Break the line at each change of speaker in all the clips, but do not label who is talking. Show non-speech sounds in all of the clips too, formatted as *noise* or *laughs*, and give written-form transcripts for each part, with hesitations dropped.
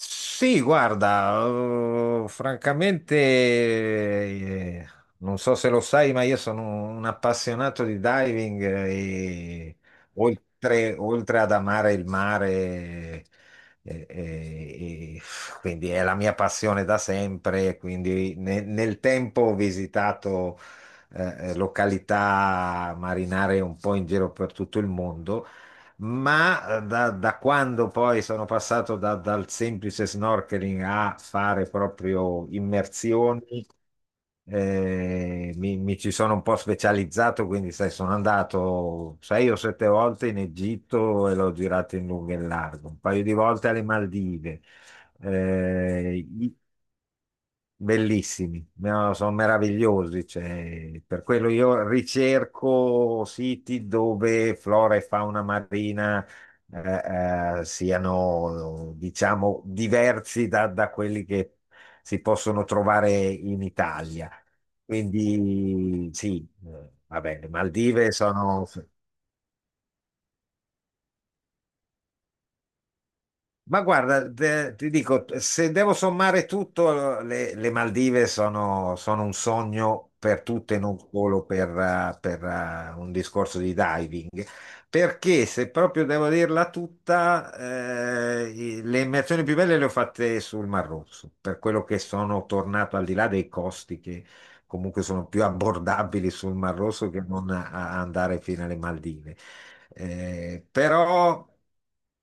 Sì, guarda, francamente, non so se lo sai, ma io sono un appassionato di diving e oltre ad amare il mare, e quindi è la mia passione da sempre. Quindi nel tempo ho visitato località marinare un po' in giro per tutto il mondo ma da quando poi sono passato dal semplice snorkeling a fare proprio immersioni, mi ci sono un po' specializzato, quindi sai, sono andato sei o sette volte in Egitto e l'ho girato in lungo e in largo, un paio di volte alle Maldive. Eh, Bellissimi, no, sono meravigliosi, cioè, per quello io ricerco siti dove flora e fauna marina siano, diciamo, diversi da quelli che si possono trovare in Italia. Quindi sì, vabbè, le Maldive sono. Ma guarda, ti dico, se devo sommare tutto, le Maldive sono, sono un sogno per tutte, non solo per un discorso di diving, perché se proprio devo dirla tutta, le immersioni più belle le ho fatte sul Mar Rosso, per quello che sono tornato, al di là dei costi che comunque sono più abbordabili sul Mar Rosso che non a andare fino alle Maldive. Però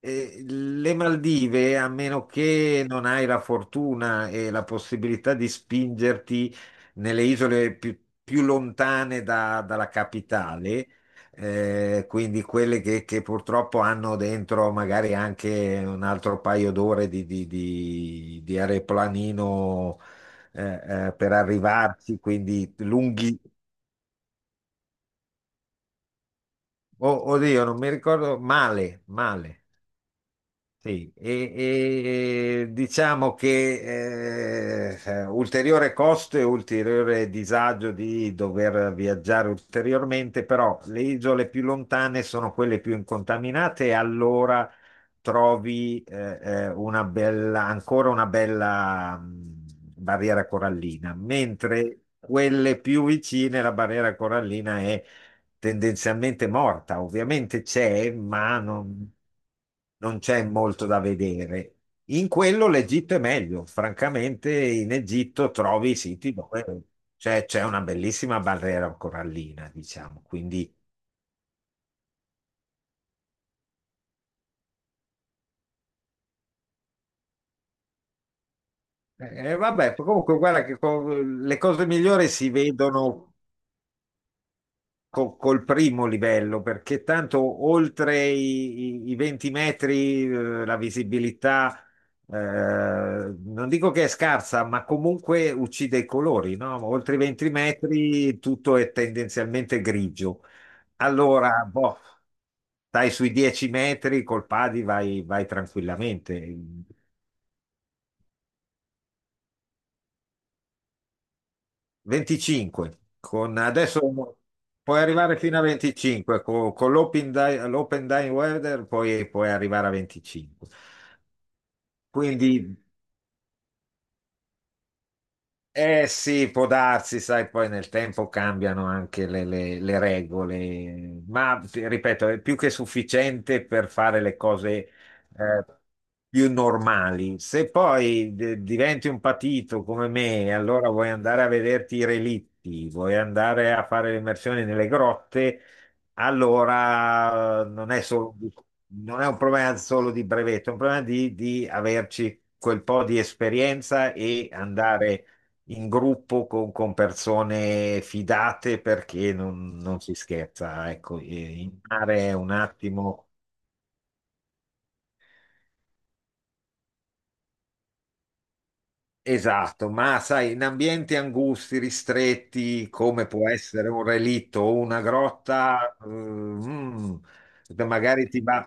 le Maldive, a meno che non hai la fortuna e la possibilità di spingerti nelle isole più, più lontane dalla capitale, quindi quelle che purtroppo hanno dentro magari anche un altro paio d'ore di aeroplanino per arrivarci, quindi lunghi. Oh, oddio, non mi ricordo male, male. Sì, e diciamo che ulteriore costo e ulteriore disagio di dover viaggiare ulteriormente, però le isole più lontane sono quelle più incontaminate e allora trovi una bella, ancora una bella barriera corallina, mentre quelle più vicine la barriera corallina è tendenzialmente morta. Ovviamente c'è, ma non, non c'è molto da vedere. In quello l'Egitto è meglio, francamente in Egitto trovi siti dove c'è una bellissima barriera corallina, diciamo, quindi... vabbè, comunque guarda che le cose migliori si vedono col primo livello, perché tanto oltre i 20 metri, la visibilità, non dico che è scarsa, ma comunque uccide i colori, no? Oltre i 20 metri tutto è tendenzialmente grigio. Allora, boh, stai sui 10 metri col padi vai, vai tranquillamente. 25, con, adesso puoi arrivare fino a 25, con, l'open l'open dying weather puoi, puoi arrivare a 25. Quindi. Eh sì, può darsi, sai, poi nel tempo cambiano anche le regole, ma ti ripeto, è più che sufficiente per fare le cose eh, più normali. Se poi diventi un patito come me, allora vuoi andare a vederti i relitti, vuoi andare a fare le immersioni nelle grotte, allora non è solo, non è un problema solo di brevetto, è un problema di averci quel po' di esperienza e andare in gruppo con persone fidate perché non, non si scherza, ecco, in mare è un attimo. Esatto, ma sai, in ambienti angusti, ristretti, come può essere un relitto o una grotta, magari ti va.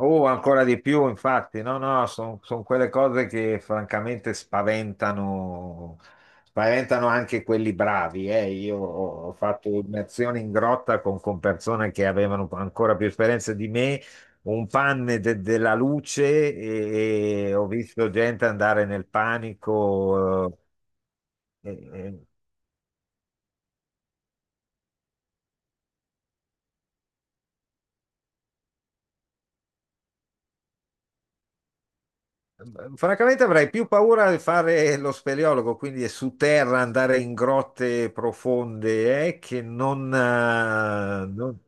Oh, ancora di più, infatti, no, no, sono quelle cose che francamente spaventano, spaventano anche quelli bravi. Io ho fatto immersioni in grotta con persone che avevano ancora più esperienza di me, un panne della luce e ho visto gente andare nel panico. eh, eh, Francamente avrei più paura di fare lo speleologo, quindi su terra andare in grotte profonde, che non...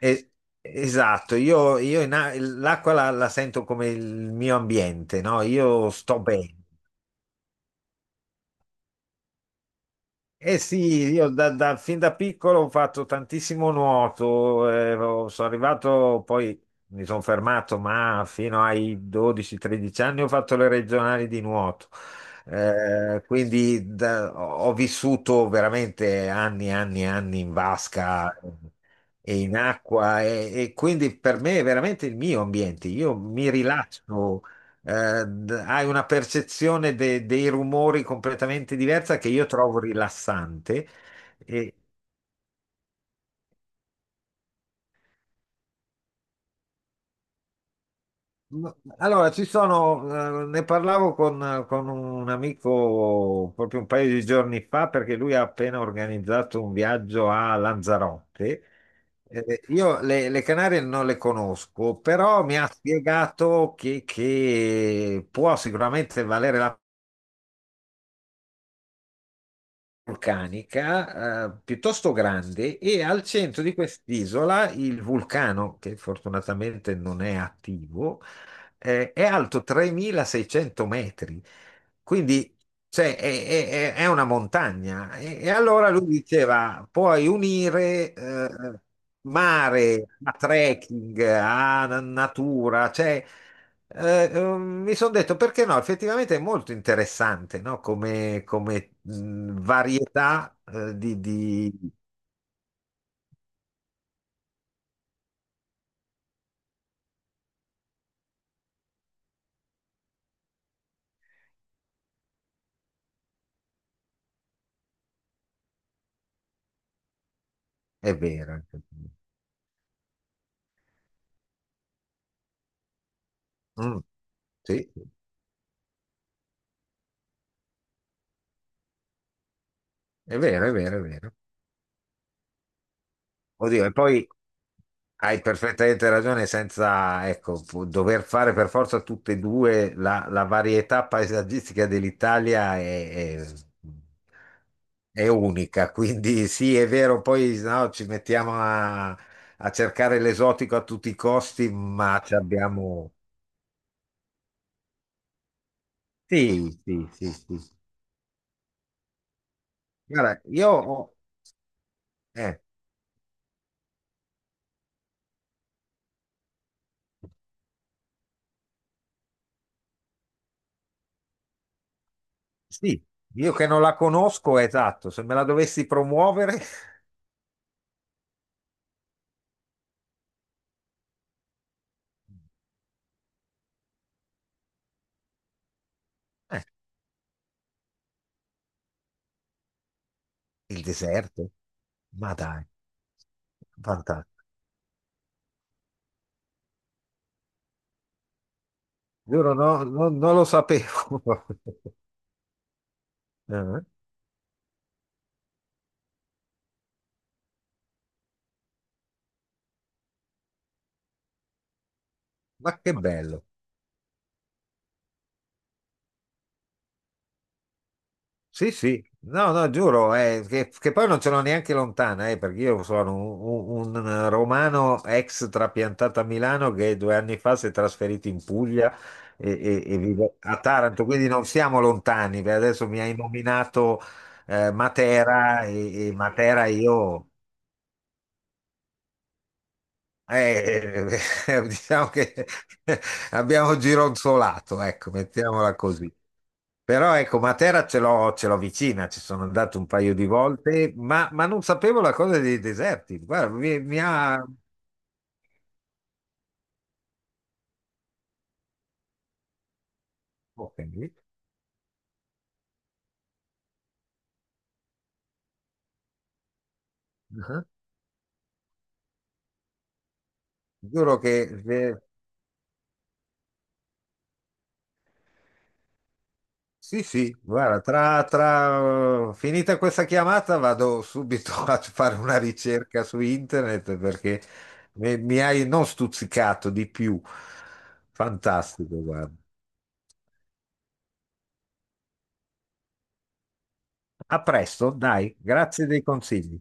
eh, esatto, io l'acqua la sento come il mio ambiente, no? Io sto bene. Eh sì, io fin da piccolo ho fatto tantissimo nuoto, sono arrivato, poi mi sono fermato, ma fino ai 12-13 anni ho fatto le regionali di nuoto. Quindi ho vissuto veramente anni e anni e anni in vasca e in acqua e quindi per me è veramente il mio ambiente, io mi rilascio hai una percezione dei rumori completamente diversa, che io trovo rilassante. E, allora, ci sono, ne parlavo con un amico proprio un paio di giorni fa perché lui ha appena organizzato un viaggio a Lanzarote. Io le Canarie non le conosco, però mi ha spiegato che può sicuramente valere la vulcanica, piuttosto grande e al centro di quest'isola il vulcano, che fortunatamente non è attivo, è alto 3600 metri. Quindi cioè, è una montagna. E allora lui diceva, puoi unire mare a trekking, a natura, cioè mi sono detto perché no, effettivamente è molto interessante, no? Come, come, varietà È vero. Anche tu. Mm, sì, sì, è vero, è vero, è vero. Oddio, e poi hai perfettamente ragione, senza, ecco, dover fare per forza tutte e due, la varietà paesaggistica dell'Italia è unica, quindi sì, è vero, poi no, ci mettiamo a cercare l'esotico a tutti i costi, ma ci abbiamo... Sì, sì, sì, sì. Guarda, eh, sì, io che non la conosco, esatto, se me la dovessi promuovere, *laughs* eh, il deserto, ma dai. Fantastico. Giuro, no, non lo sapevo. *laughs* Eh, Ma che bello. Sì, sì. No, no, giuro, che poi non ce l'ho neanche lontana, perché io sono un, un romano ex trapiantato a Milano che due anni fa si è trasferito in Puglia e, e vive a Taranto, quindi non siamo lontani. Beh, adesso mi hai nominato Matera e Matera io... Eh, *laughs* diciamo che *laughs* abbiamo gironzolato, ecco, mettiamola così. Però ecco, Matera ce l'ho vicina, ci sono andato un paio di volte, ma non sapevo la cosa dei deserti. Guarda, mi ha... ok. Ah. Giuro che sì, sì, guarda, finita questa chiamata vado subito *laughs* a fare una ricerca su internet perché mi hai non stuzzicato di più. Fantastico, guarda. A presto, dai, grazie dei consigli.